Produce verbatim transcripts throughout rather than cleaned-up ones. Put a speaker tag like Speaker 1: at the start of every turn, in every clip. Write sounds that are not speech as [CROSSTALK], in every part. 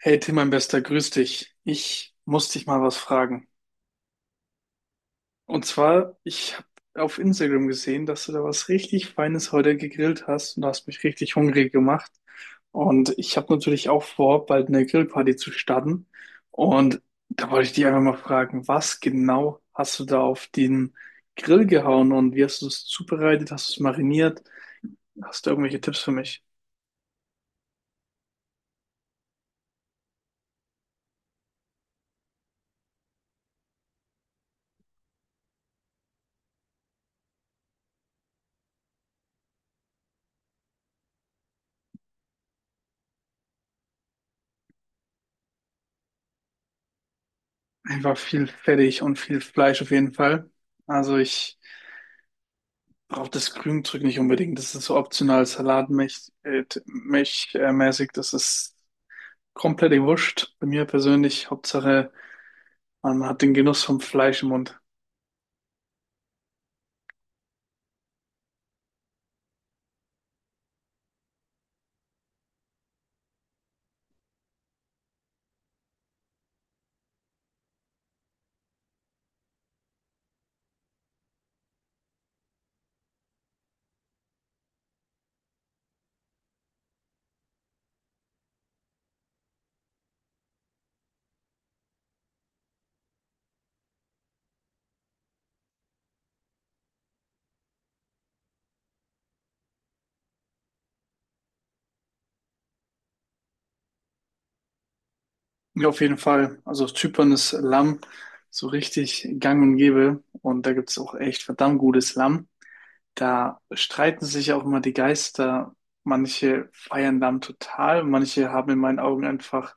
Speaker 1: Hey Tim, mein Bester, grüß dich. Ich muss dich mal was fragen. Und zwar, ich habe auf Instagram gesehen, dass du da was richtig Feines heute gegrillt hast und du hast mich richtig hungrig gemacht. Und ich habe natürlich auch vor, bald eine Grillparty zu starten. Und da wollte ich dich einfach mal fragen, was genau hast du da auf den Grill gehauen und wie hast du es zubereitet? Hast du es mariniert? Hast du irgendwelche Tipps für mich? Einfach viel Fettig und viel Fleisch auf jeden Fall. Also ich braucht das Grünzeug nicht unbedingt. Das ist so optional salatmäßig, äh, mäch- äh, mäßig. Das ist komplett wurscht. Bei mir persönlich, Hauptsache, man hat den Genuss vom Fleisch im Mund. Ja, auf jeden Fall. Also auf Zypern ist Lamm so richtig gang und gäbe. Und da gibt's auch echt verdammt gutes Lamm. Da streiten sich auch immer die Geister. Manche feiern Lamm total, manche haben in meinen Augen einfach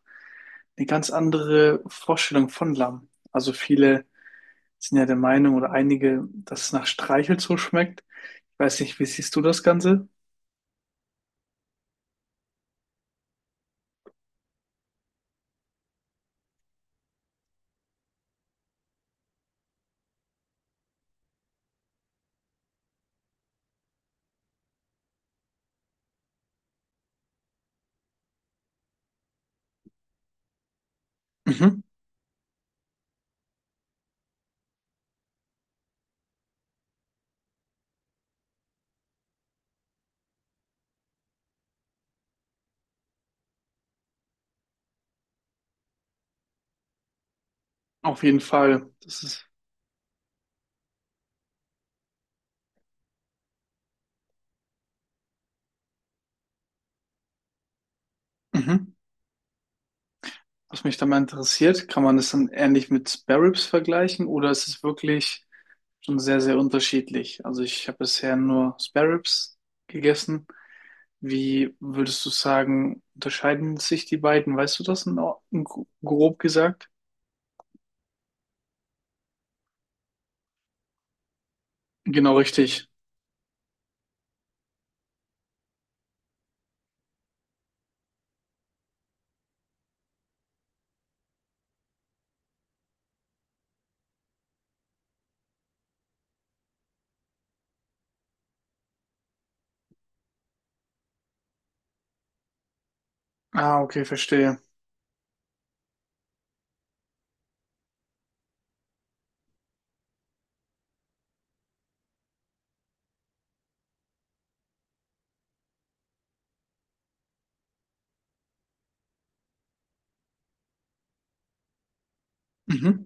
Speaker 1: eine ganz andere Vorstellung von Lamm. Also viele sind ja der Meinung oder einige, dass es nach Streichel so schmeckt. Ich weiß nicht, wie siehst du das Ganze? Mhm. Auf jeden Fall. Das ist, mhm. Was mich da mal interessiert, kann man das dann ähnlich mit Spare Ribs vergleichen oder ist es wirklich schon sehr, sehr unterschiedlich? Also ich habe bisher nur Spare Ribs gegessen. Wie würdest du sagen, unterscheiden sich die beiden? Weißt du das in, in, grob gesagt? Genau richtig. Ah, okay, verstehe. Mhm.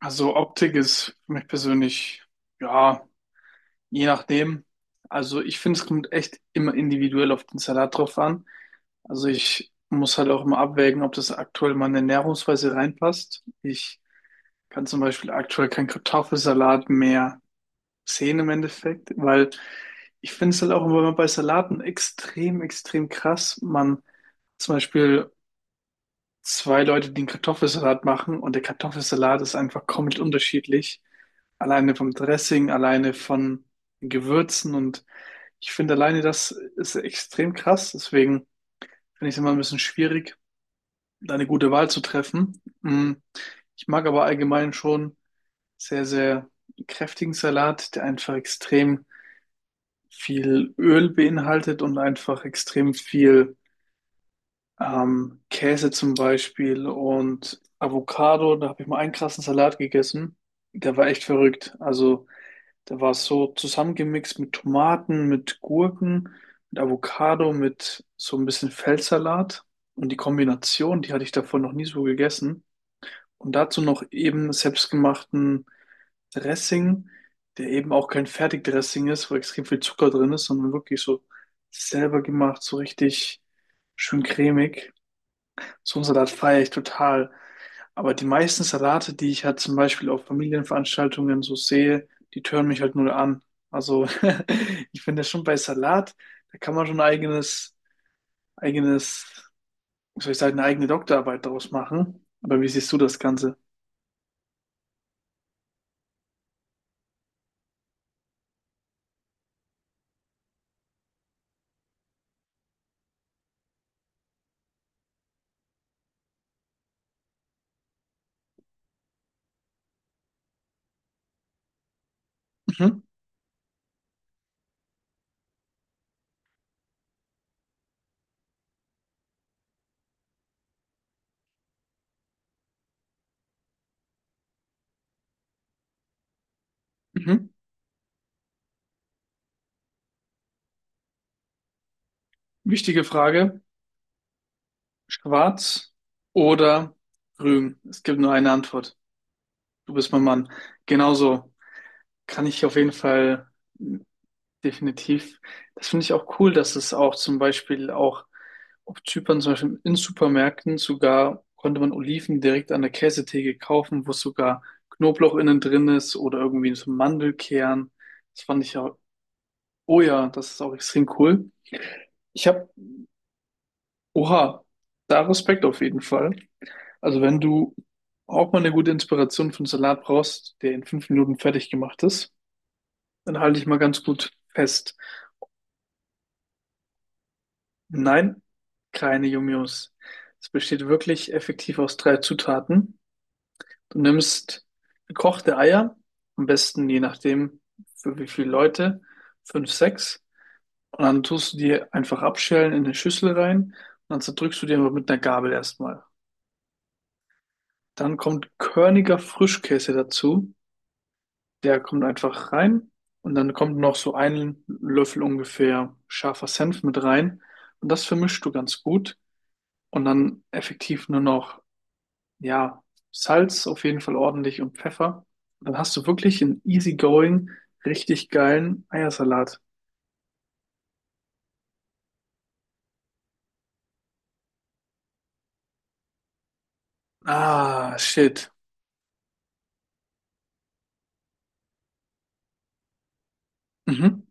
Speaker 1: Also Optik ist für mich persönlich, ja, je nachdem. Also ich finde, es kommt echt immer individuell auf den Salat drauf an. Also ich muss halt auch immer abwägen, ob das aktuell meine Ernährungsweise reinpasst. Ich kann zum Beispiel aktuell keinen Kartoffelsalat mehr sehen im Endeffekt, weil ich finde es halt auch immer bei Salaten extrem, extrem krass. Man zum Beispiel zwei Leute, die einen Kartoffelsalat machen und der Kartoffelsalat ist einfach komplett unterschiedlich. Alleine vom Dressing, alleine von den Gewürzen und ich finde alleine das ist extrem krass. Deswegen finde ich es immer ein bisschen schwierig, da eine gute Wahl zu treffen. Mm, Ich mag aber allgemein schon sehr, sehr kräftigen Salat, der einfach extrem viel Öl beinhaltet und einfach extrem viel Ähm, Käse zum Beispiel und Avocado, da habe ich mal einen krassen Salat gegessen. Der war echt verrückt. Also, der war so zusammengemixt mit Tomaten, mit Gurken, mit Avocado, mit so ein bisschen Feldsalat. Und die Kombination, die hatte ich davon noch nie so gegessen. Und dazu noch eben selbstgemachten Dressing, der eben auch kein Fertigdressing ist, wo extrem viel Zucker drin ist, sondern wirklich so selber gemacht, so richtig schön cremig. So einen Salat feiere ich total. Aber die meisten Salate, die ich halt zum Beispiel auf Familienveranstaltungen so sehe, die tören mich halt null an. Also [LAUGHS] ich finde schon bei Salat, da kann man schon ein eigenes, eigenes, wie soll ich sagen, eine eigene Doktorarbeit daraus machen. Aber wie siehst du das Ganze? Mhm. Mhm. Wichtige Frage. Schwarz oder grün? Es gibt nur eine Antwort. Du bist mein Mann. Genauso kann ich auf jeden Fall definitiv. Das finde ich auch cool, dass es auch zum Beispiel auch auf Zypern, zum Beispiel in Supermärkten sogar konnte man Oliven direkt an der Käsetheke kaufen, wo sogar Knoblauch innen drin ist oder irgendwie so Mandelkern. Das fand ich ja, oh ja, das ist auch extrem cool. Ich habe, oha, da Respekt auf jeden Fall. Also wenn du auch mal eine gute Inspiration für einen Salat brauchst, der in fünf Minuten fertig gemacht ist, dann halte ich mal ganz gut fest. Nein, keine Yum-Yums. Es besteht wirklich effektiv aus drei Zutaten. Du nimmst gekochte Eier, am besten je nachdem für wie viele Leute, fünf, sechs. Und dann tust du die einfach abschälen in eine Schüssel rein und dann zerdrückst du die aber mit einer Gabel erstmal. Dann kommt körniger Frischkäse dazu. Der kommt einfach rein und dann kommt noch so ein Löffel ungefähr scharfer Senf mit rein. Und das vermischst du ganz gut und dann effektiv nur noch ja, Salz auf jeden Fall ordentlich und Pfeffer. Dann hast du wirklich einen easygoing, richtig geilen Eiersalat. Ah, shit. Mhm,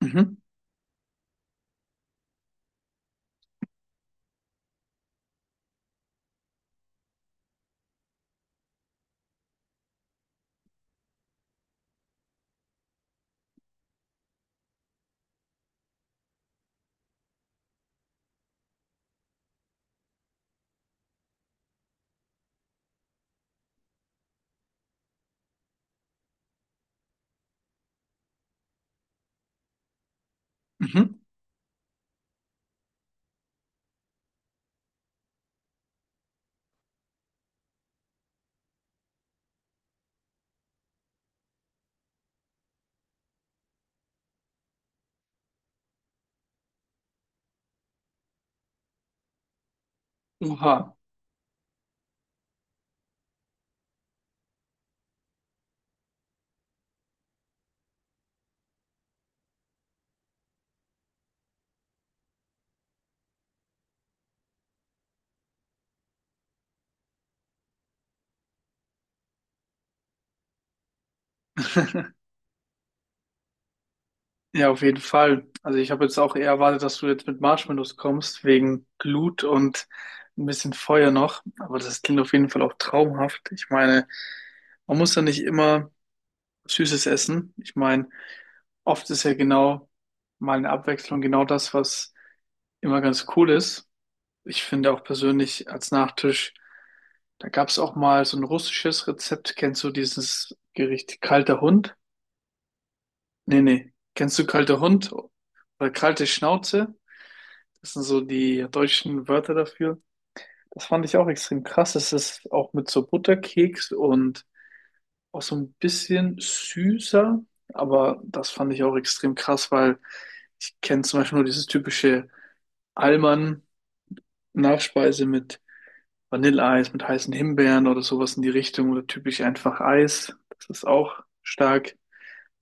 Speaker 1: mhm, mhm. Oha. [LAUGHS] Ja, auf jeden Fall. Also ich habe jetzt auch eher erwartet, dass du jetzt mit Marshmallows kommst, wegen Glut und ein bisschen Feuer noch. Aber das klingt auf jeden Fall auch traumhaft. Ich meine, man muss ja nicht immer Süßes essen. Ich meine, oft ist ja genau mal eine Abwechslung genau das, was immer ganz cool ist. Ich finde auch persönlich als Nachtisch, da gab es auch mal so ein russisches Rezept. Kennst du dieses Gericht kalter Hund? Nee, nee. Kennst du kalter Hund oder kalte Schnauze? Das sind so die deutschen Wörter dafür. Das fand ich auch extrem krass. Es ist auch mit so Butterkeks und auch so ein bisschen süßer. Aber das fand ich auch extrem krass, weil ich kenne zum Beispiel nur dieses typische Allmann-Nachspeise mit Vanilleeis mit heißen Himbeeren oder sowas in die Richtung oder typisch einfach Eis. Das ist auch stark.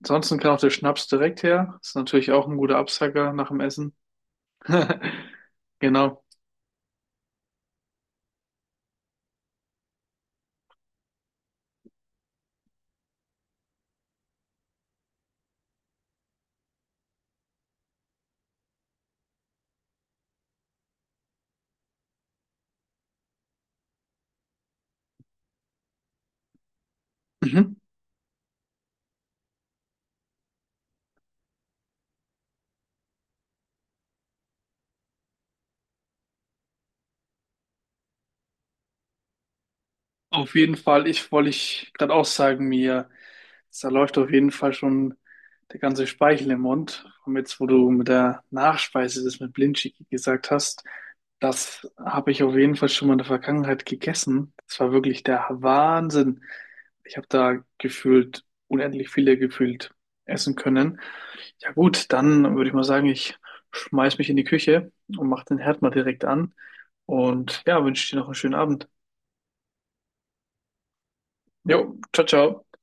Speaker 1: Ansonsten kann auch der Schnaps direkt her. Ist natürlich auch ein guter Absacker nach dem Essen. [LAUGHS] Genau. Mhm. Auf jeden Fall, ich wollte ich gerade auch sagen, mir, da läuft auf jeden Fall schon der ganze Speichel im Mund. Und jetzt, wo du mit der Nachspeise das mit Blindschicki gesagt hast, das habe ich auf jeden Fall schon mal in der Vergangenheit gegessen. Das war wirklich der Wahnsinn. Ich habe da gefühlt unendlich viele gefühlt essen können. Ja gut, dann würde ich mal sagen, ich schmeiß mich in die Küche und mache den Herd mal direkt an und ja, wünsche dir noch einen schönen Abend. Jo, ciao, ciao.